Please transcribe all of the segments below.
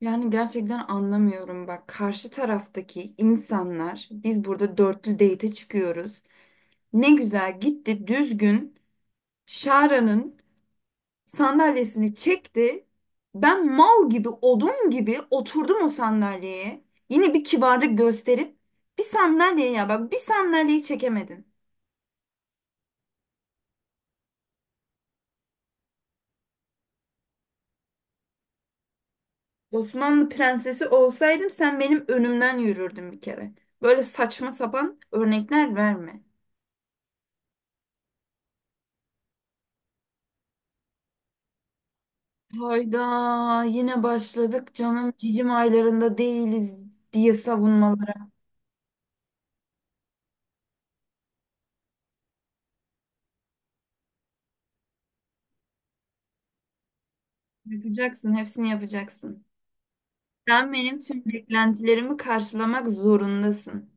Yani gerçekten anlamıyorum bak karşı taraftaki insanlar biz burada dörtlü date'e çıkıyoruz. Ne güzel gitti düzgün Şara'nın sandalyesini çekti. Ben mal gibi odun gibi oturdum o sandalyeye. Yine bir kibarlık gösterip bir sandalye ya bak bir sandalyeyi çekemedin. Osmanlı prensesi olsaydım sen benim önümden yürürdün bir kere. Böyle saçma sapan örnekler verme. Hayda yine başladık canım cicim aylarında değiliz diye savunmalara. Yapacaksın hepsini yapacaksın. Sen benim tüm beklentilerimi karşılamak zorundasın.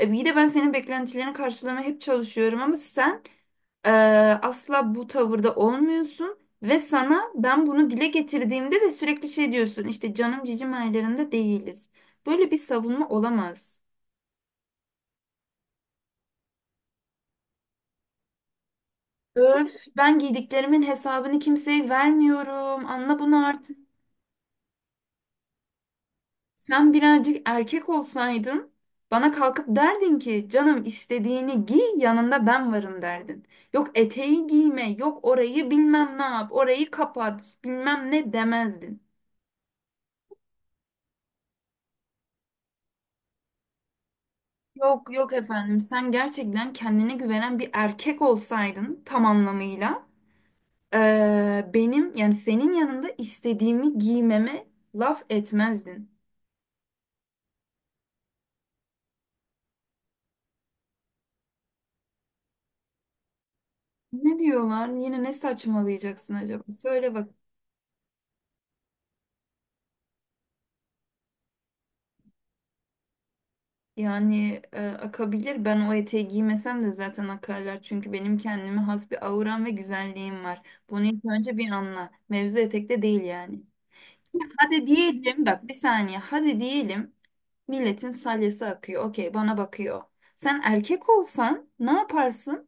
E, bir de ben senin beklentilerini karşılamaya hep çalışıyorum ama sen e, asla bu tavırda olmuyorsun. Ve sana ben bunu dile getirdiğimde de sürekli şey diyorsun işte canım cicim aylarında değiliz. Böyle bir savunma olamaz. Öf, ben giydiklerimin hesabını kimseye vermiyorum. Anla bunu artık. Sen birazcık erkek olsaydın bana kalkıp derdin ki canım istediğini giy yanında ben varım derdin. Yok eteği giyme, yok orayı bilmem ne yap, orayı kapat, bilmem ne demezdin. Yok yok efendim sen gerçekten kendine güvenen bir erkek olsaydın tam anlamıyla benim yani senin yanında istediğimi giymeme laf etmezdin. Ne diyorlar? Yine ne saçmalayacaksın acaba? Söyle bak. Yani akabilir. Ben o eteği giymesem de zaten akarlar. Çünkü benim kendime has bir auram ve güzelliğim var. Bunu ilk önce bir anla. Mevzu etekte değil yani. Hadi diyelim bak bir saniye. Hadi diyelim milletin salyası akıyor. Okey bana bakıyor. Sen erkek olsan ne yaparsın?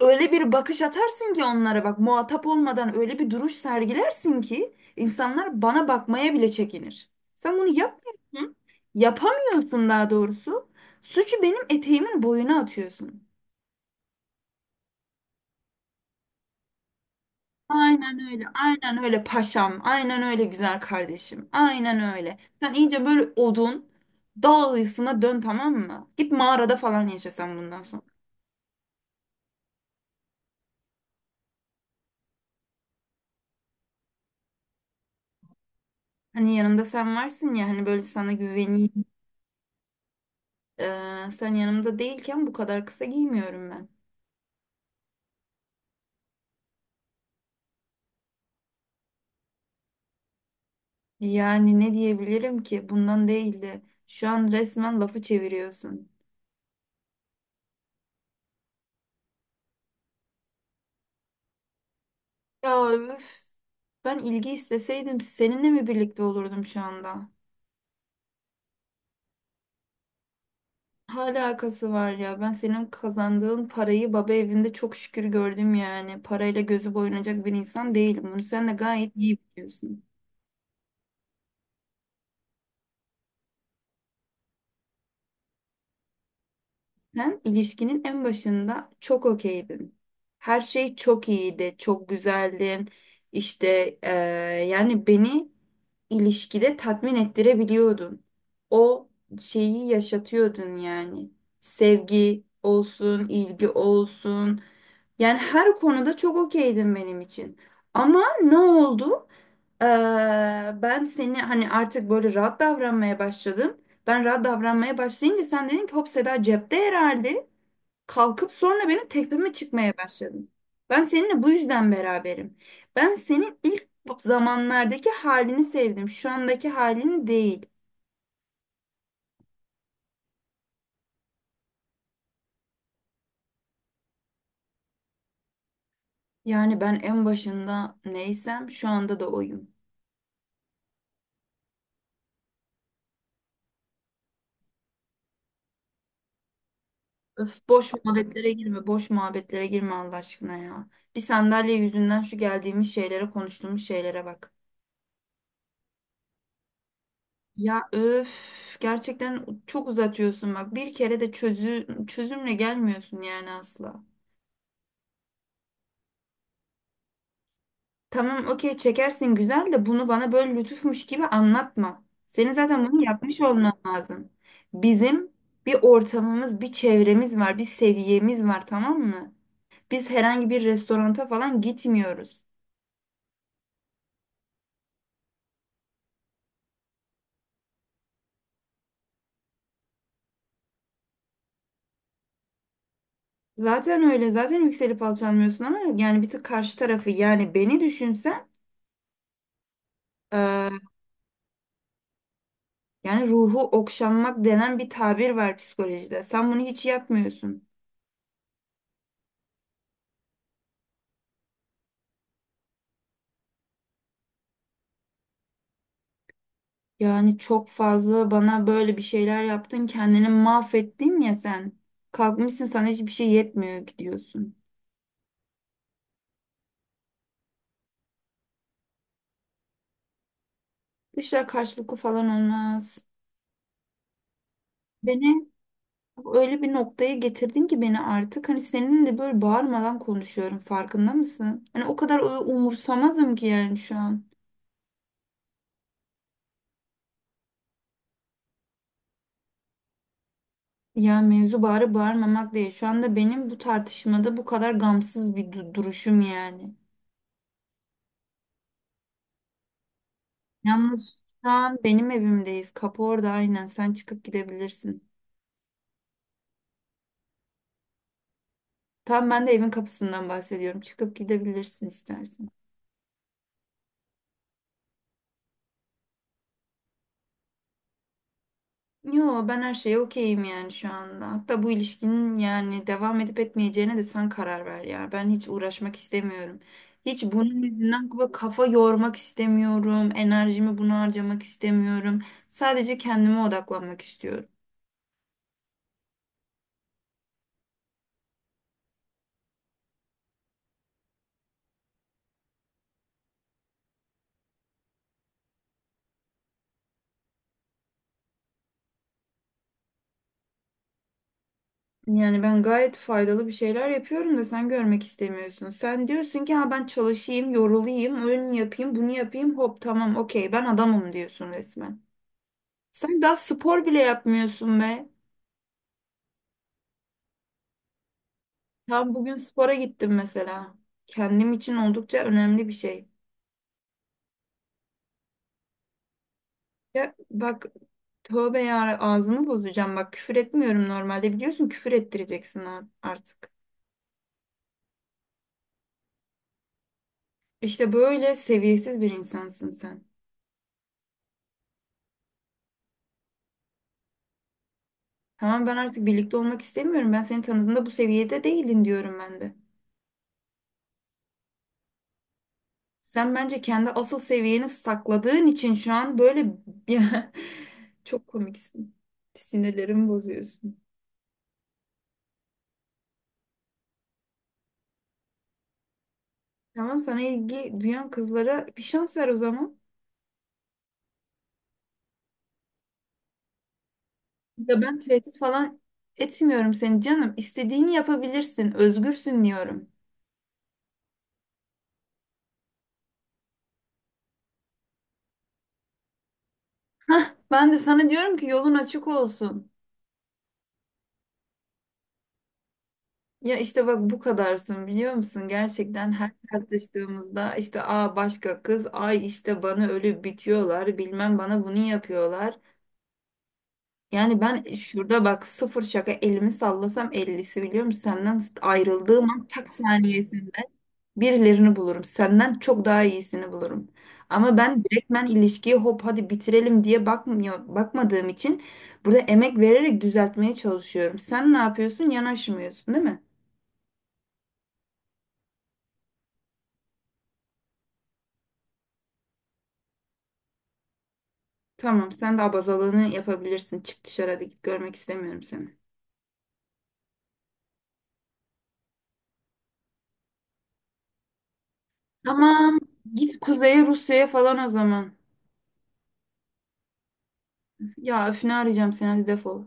Öyle bir bakış atarsın ki onlara bak muhatap olmadan öyle bir duruş sergilersin ki insanlar bana bakmaya bile çekinir. Sen bunu yapmıyorsun. Yapamıyorsun daha doğrusu. Suçu benim eteğimin boyuna atıyorsun. Aynen öyle. Aynen öyle paşam. Aynen öyle güzel kardeşim. Aynen öyle. Sen iyice böyle odun dağ ayısına dön tamam mı? Git mağarada falan yaşa sen bundan sonra. Hani yanımda sen varsın ya hani böyle sana güveneyim. Sen yanımda değilken bu kadar kısa giymiyorum ben. Yani ne diyebilirim ki? Bundan değildi. Şu an resmen lafı çeviriyorsun. Ya üf. Ben ilgi isteseydim seninle mi birlikte olurdum şu anda? Hala alakası var ya. Ben senin kazandığın parayı baba evinde çok şükür gördüm yani. Parayla gözü boyanacak bir insan değilim. Bunu sen de gayet iyi biliyorsun. Zaten ilişkinin en başında çok okeydim. Her şey çok iyiydi, çok güzeldin. İşte yani beni ilişkide tatmin ettirebiliyordun. O şeyi yaşatıyordun yani. Sevgi olsun, ilgi olsun. Yani her konuda çok okeydin benim için. Ama ne oldu? Eee, ben seni hani artık böyle rahat davranmaya başladım. Ben rahat davranmaya başlayınca sen dedin ki hop Seda cepte herhalde. Kalkıp sonra benim tepeme çıkmaya başladın. Ben seninle bu yüzden beraberim. Ben senin ilk zamanlardaki halini sevdim. Şu andaki halini değil. Yani ben en başında neysem şu anda da oyum. Öf boş muhabbetlere girme, boş muhabbetlere girme Allah aşkına ya. Bir sandalye yüzünden şu geldiğimiz şeylere, konuştuğumuz şeylere bak. Ya öf gerçekten çok uzatıyorsun bak bir kere de çözümle gelmiyorsun yani asla. Tamam okey çekersin güzel de bunu bana böyle lütufmuş gibi anlatma. Senin zaten bunu yapmış olman lazım. Bizim bir ortamımız, bir çevremiz var, bir seviyemiz var tamam mı? Biz herhangi bir restoranta falan gitmiyoruz. Zaten öyle zaten yükselip alçalmıyorsun ama yani bir tık karşı tarafı yani beni düşünsen. Yani ruhu okşanmak denen bir tabir var psikolojide. Sen bunu hiç yapmıyorsun. Yani çok fazla bana böyle bir şeyler yaptın, kendini mahvettin ya sen. Kalkmışsın sana hiçbir şey yetmiyor gidiyorsun. Bu işler karşılıklı falan olmaz. Beni öyle bir noktaya getirdin ki beni artık hani seninle böyle bağırmadan konuşuyorum farkında mısın? Hani o kadar umursamazım ki yani şu an. Ya mevzu bağırıp bağırmamak değil. Şu anda benim bu tartışmada bu kadar gamsız bir duruşum yani. Yalnız şu an benim evimdeyiz. Kapı orada aynen. Sen çıkıp gidebilirsin. Tam ben de evin kapısından bahsediyorum. Çıkıp gidebilirsin istersen. Yo ben her şeye okeyim yani şu anda. Hatta bu ilişkinin yani devam edip etmeyeceğine de sen karar ver ya. Ben hiç uğraşmak istemiyorum. Hiç bunun yüzünden kafa kafa yormak istemiyorum. Enerjimi buna harcamak istemiyorum. Sadece kendime odaklanmak istiyorum. Yani ben gayet faydalı bir şeyler yapıyorum da sen görmek istemiyorsun. Sen diyorsun ki ha ben çalışayım, yorulayım, öyle yapayım, bunu yapayım. Hop tamam okey ben adamım diyorsun resmen. Sen daha spor bile yapmıyorsun be. Tam bugün spora gittim mesela. Kendim için oldukça önemli bir şey. Ya bak tövbe ya ağzımı bozacağım. Bak küfür etmiyorum normalde biliyorsun küfür ettireceksin artık. İşte böyle seviyesiz bir insansın sen. Tamam ben artık birlikte olmak istemiyorum. Ben seni tanıdığımda bu seviyede değildin diyorum ben de. Sen bence kendi asıl seviyeni sakladığın için şu an böyle çok komiksin. Sinirlerimi bozuyorsun. Tamam sana ilgi duyan kızlara bir şans ver o zaman. Ya ben tehdit falan etmiyorum seni canım. İstediğini yapabilirsin. Özgürsün diyorum. Ben de sana diyorum ki yolun açık olsun. Ya işte bak bu kadarsın biliyor musun? Gerçekten her tartıştığımızda işte başka kız, ay işte bana ölüp bitiyorlar, bilmem bana bunu yapıyorlar. Yani ben şurada bak sıfır şaka elimi sallasam ellisi biliyor musun? Senden ayrıldığım an tak saniyesinde birilerini bulurum. Senden çok daha iyisini bulurum. Ama ben direktmen ilişkiyi hop hadi bitirelim diye bakmıyor, bakmadığım için burada emek vererek düzeltmeye çalışıyorum. Sen ne yapıyorsun? Yanaşmıyorsun, değil mi? Tamam, sen de abazalığını yapabilirsin. Çık dışarı hadi git görmek istemiyorum seni. Tamam. Git kuzeye Rusya'ya falan o zaman. Ya öfünü arayacağım seni hadi defol.